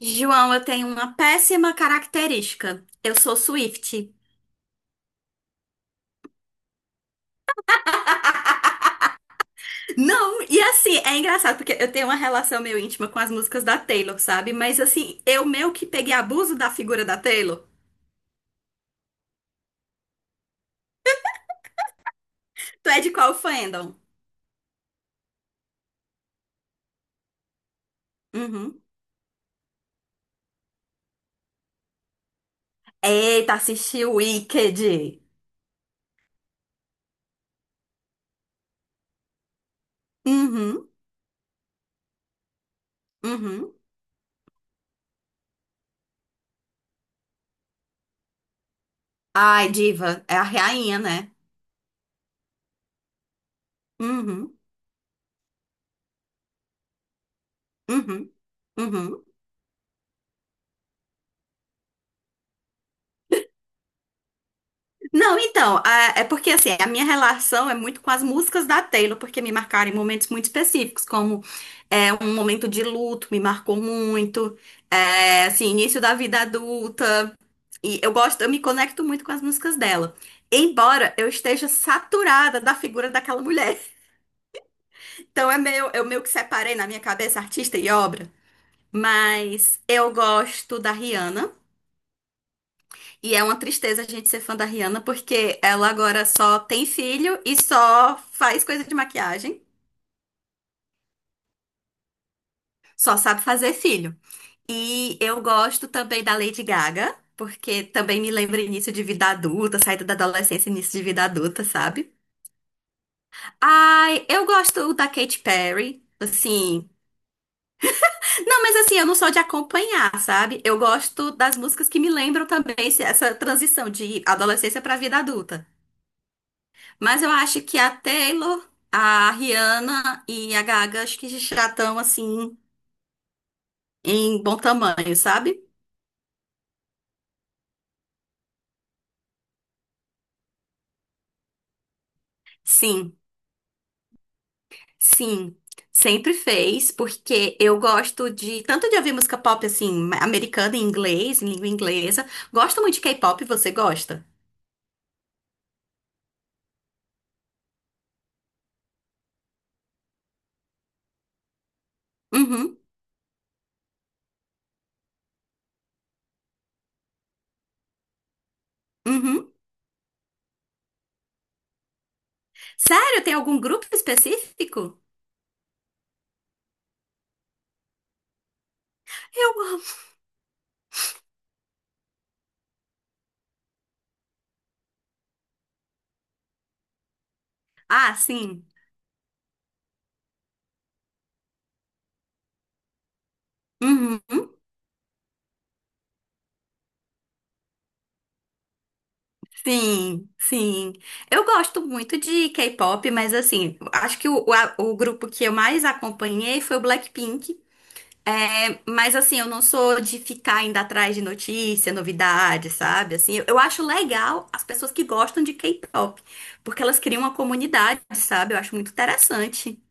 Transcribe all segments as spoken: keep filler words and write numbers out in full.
João, eu tenho uma péssima característica. Eu sou Swift. Não, e assim, é engraçado, porque eu tenho uma relação meio íntima com as músicas da Taylor, sabe? Mas assim, eu meio que peguei abuso da figura da Taylor. Tu é de qual fandom? Uhum. Eita, assisti o Wicked. Uhum, uhum. Ai, diva, é a rainha, né? Uhum, uhum, uhum. Não, então, a- é porque assim, a minha relação é muito com as músicas da Taylor, porque me marcaram em momentos muito específicos, como é, um momento de luto, me marcou muito, é, assim, início da vida adulta, e eu gosto, eu me conecto muito com as músicas dela, embora eu esteja saturada da figura daquela mulher. Então é meio, eu meio que separei na minha cabeça artista e obra, mas eu gosto da Rihanna. E é uma tristeza a gente ser fã da Rihanna, porque ela agora só tem filho e só faz coisa de maquiagem, só sabe fazer filho. E eu gosto também da Lady Gaga, porque também me lembra início de vida adulta, saída da adolescência, início de vida adulta, sabe? Ai, eu gosto da Katy Perry, assim. Não, mas assim, eu não sou de acompanhar, sabe? Eu gosto das músicas que me lembram também esse- essa transição de adolescência pra vida adulta. Mas eu acho que a Taylor, a Rihanna e a Gaga, acho que já estão assim em bom tamanho, sabe? Sim, sim. Sempre fez, porque eu gosto de tanto de ouvir música pop assim, americana em inglês, em língua inglesa. Gosto muito de K-pop, você gosta? Uhum, uhum. Sério, tem algum grupo específico? Eu amo. Ah, sim. Uhum. Sim, sim. Eu gosto muito de K-pop, mas assim, acho que o, o, a- o grupo que eu mais acompanhei foi o Blackpink. É, mas assim, eu não sou de ficar indo atrás de notícia, novidade, sabe? Assim, eu, eu acho legal as pessoas que gostam de K-pop, porque elas criam uma comunidade, sabe? Eu acho muito interessante.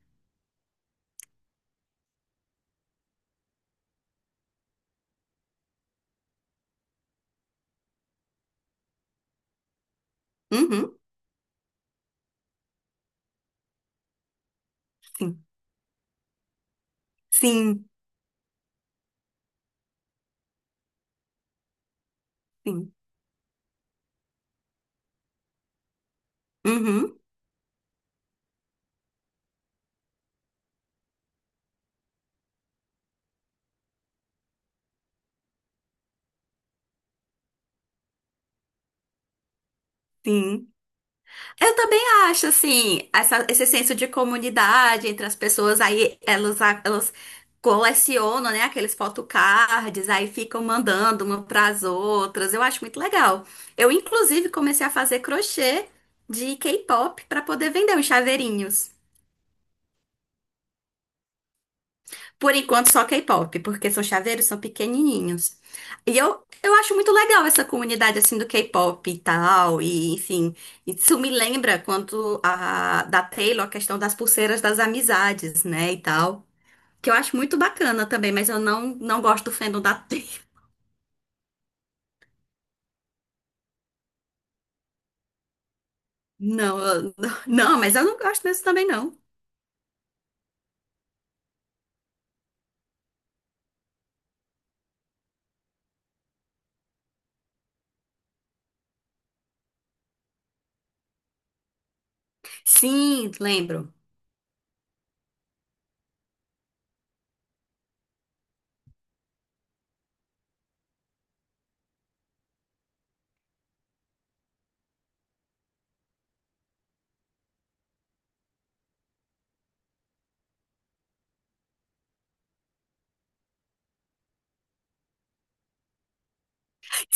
Uhum, sim, sim, sim. Uhum, sim. Eu também acho, assim, essa- esse senso de comunidade entre as pessoas, aí elas, elas colecionam, né, aqueles photocards, aí ficam mandando uma para as outras. Eu acho muito legal. Eu, inclusive, comecei a fazer crochê de K-pop para poder vender os chaveirinhos. Por enquanto, só K-pop, porque são chaveiros, são pequenininhos. E eu, eu acho muito legal essa comunidade, assim, do K-pop e tal, e enfim. Isso me lembra quanto a, da Taylor, a questão das pulseiras das amizades, né, e tal. Que eu acho muito bacana também, mas eu não, não gosto do fandom da Taylor. Não, eu- não, mas eu não gosto desse também, não. Sim, lembro.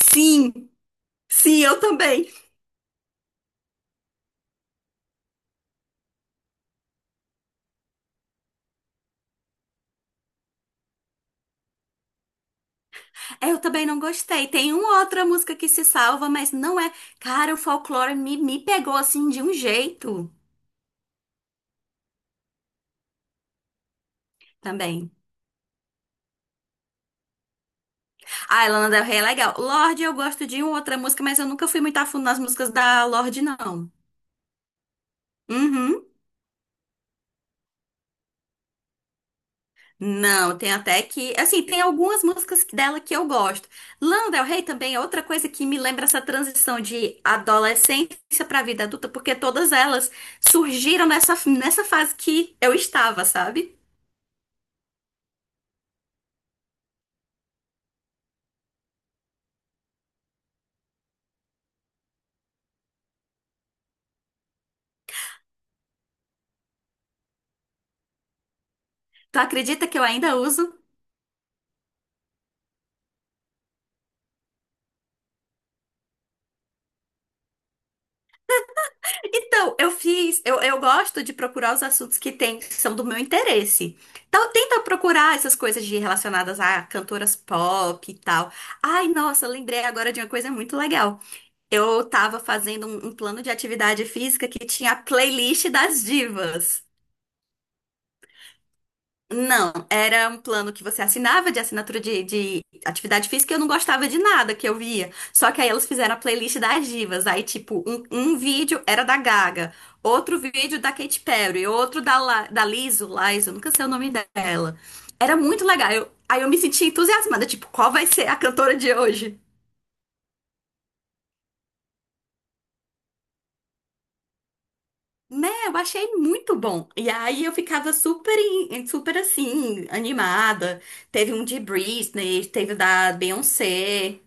Sim, sim, eu também. É, eu também não gostei. Tem uma outra música que se salva, mas não é. Cara, o folclore me, me pegou assim de um jeito também. Ah, Lana Del Rey é legal. Lorde, eu gosto de uma outra música, mas eu nunca fui muito a fundo nas músicas da Lorde, não. Uhum. Não, tem até que. Assim, tem algumas músicas dela que eu gosto. Lana Del Rey também é outra coisa que me lembra essa transição de adolescência pra vida adulta, porque todas elas surgiram nessa, nessa fase que eu estava, sabe? Tu acredita que eu ainda uso? Então, eu fiz, eu, eu gosto de procurar os assuntos que tem, que são do meu interesse. Então, tenta procurar essas coisas de relacionadas a cantoras pop e tal. Ai, nossa, lembrei agora de uma coisa muito legal. Eu tava fazendo um, um plano de atividade física que tinha a playlist das divas. Não, era um plano que você assinava de assinatura de, de atividade física e eu não gostava de nada que eu via. Só que aí elas fizeram a playlist das divas. Aí, tipo, um, um vídeo era da Gaga, outro vídeo da Katy Perry, outro da, La- da Lizzo, Lizzo, nunca sei o nome dela. Era muito legal. Eu- aí eu me senti entusiasmada, tipo, qual vai ser a cantora de hoje? Né, eu achei muito bom. E aí eu ficava super, em- super assim, animada. Teve um de Britney, teve o da Beyoncé.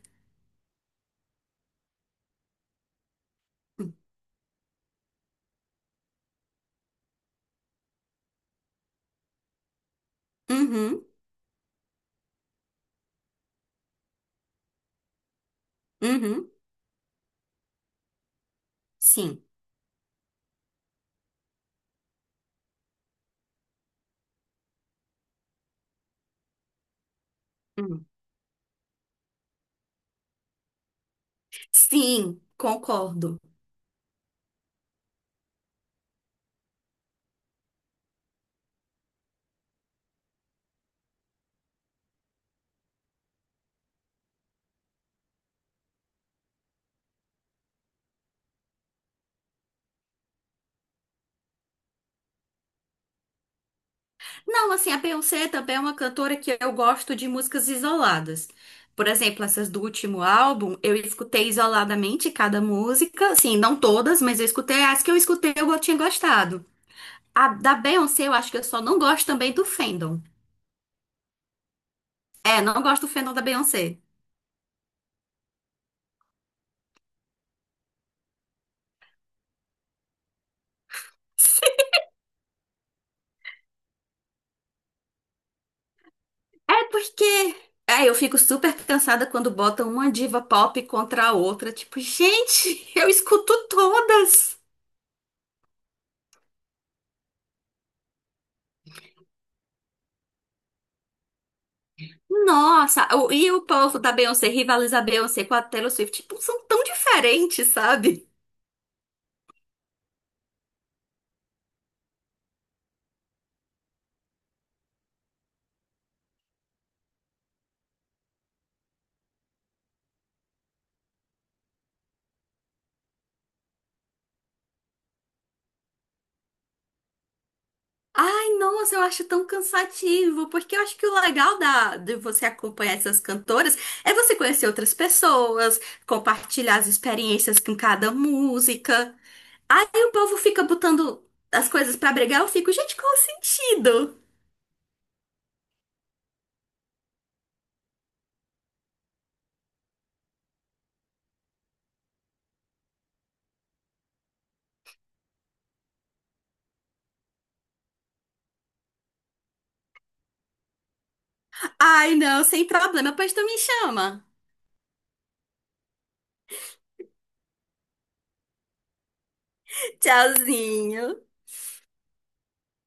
Uhum, uhum, sim. Uhum. Sim, concordo. Não, assim, a Beyoncé também é uma cantora que eu gosto de músicas isoladas. Por exemplo, essas do último álbum, eu escutei isoladamente cada música, assim, não todas, mas eu escutei as que eu escutei eu tinha gostado. A da Beyoncé, eu acho que eu só não gosto também do fandom. É, não gosto do fandom da Beyoncé. É porque. É, eu fico super cansada quando botam uma diva pop contra a outra. Tipo, gente, eu escuto todas. Nossa, o- e o povo da Beyoncé rivaliza a Beyoncé com a Taylor Swift. Tipo, são tão diferentes, sabe? Ai, nossa, eu acho tão cansativo, porque eu acho que o legal da, de você acompanhar essas cantoras é você conhecer outras pessoas, compartilhar as experiências com cada música. Aí o povo fica botando as coisas pra brigar, eu fico, gente, qual o sentido? Ai, não, sem problema, pois tu me chama. Tchauzinho.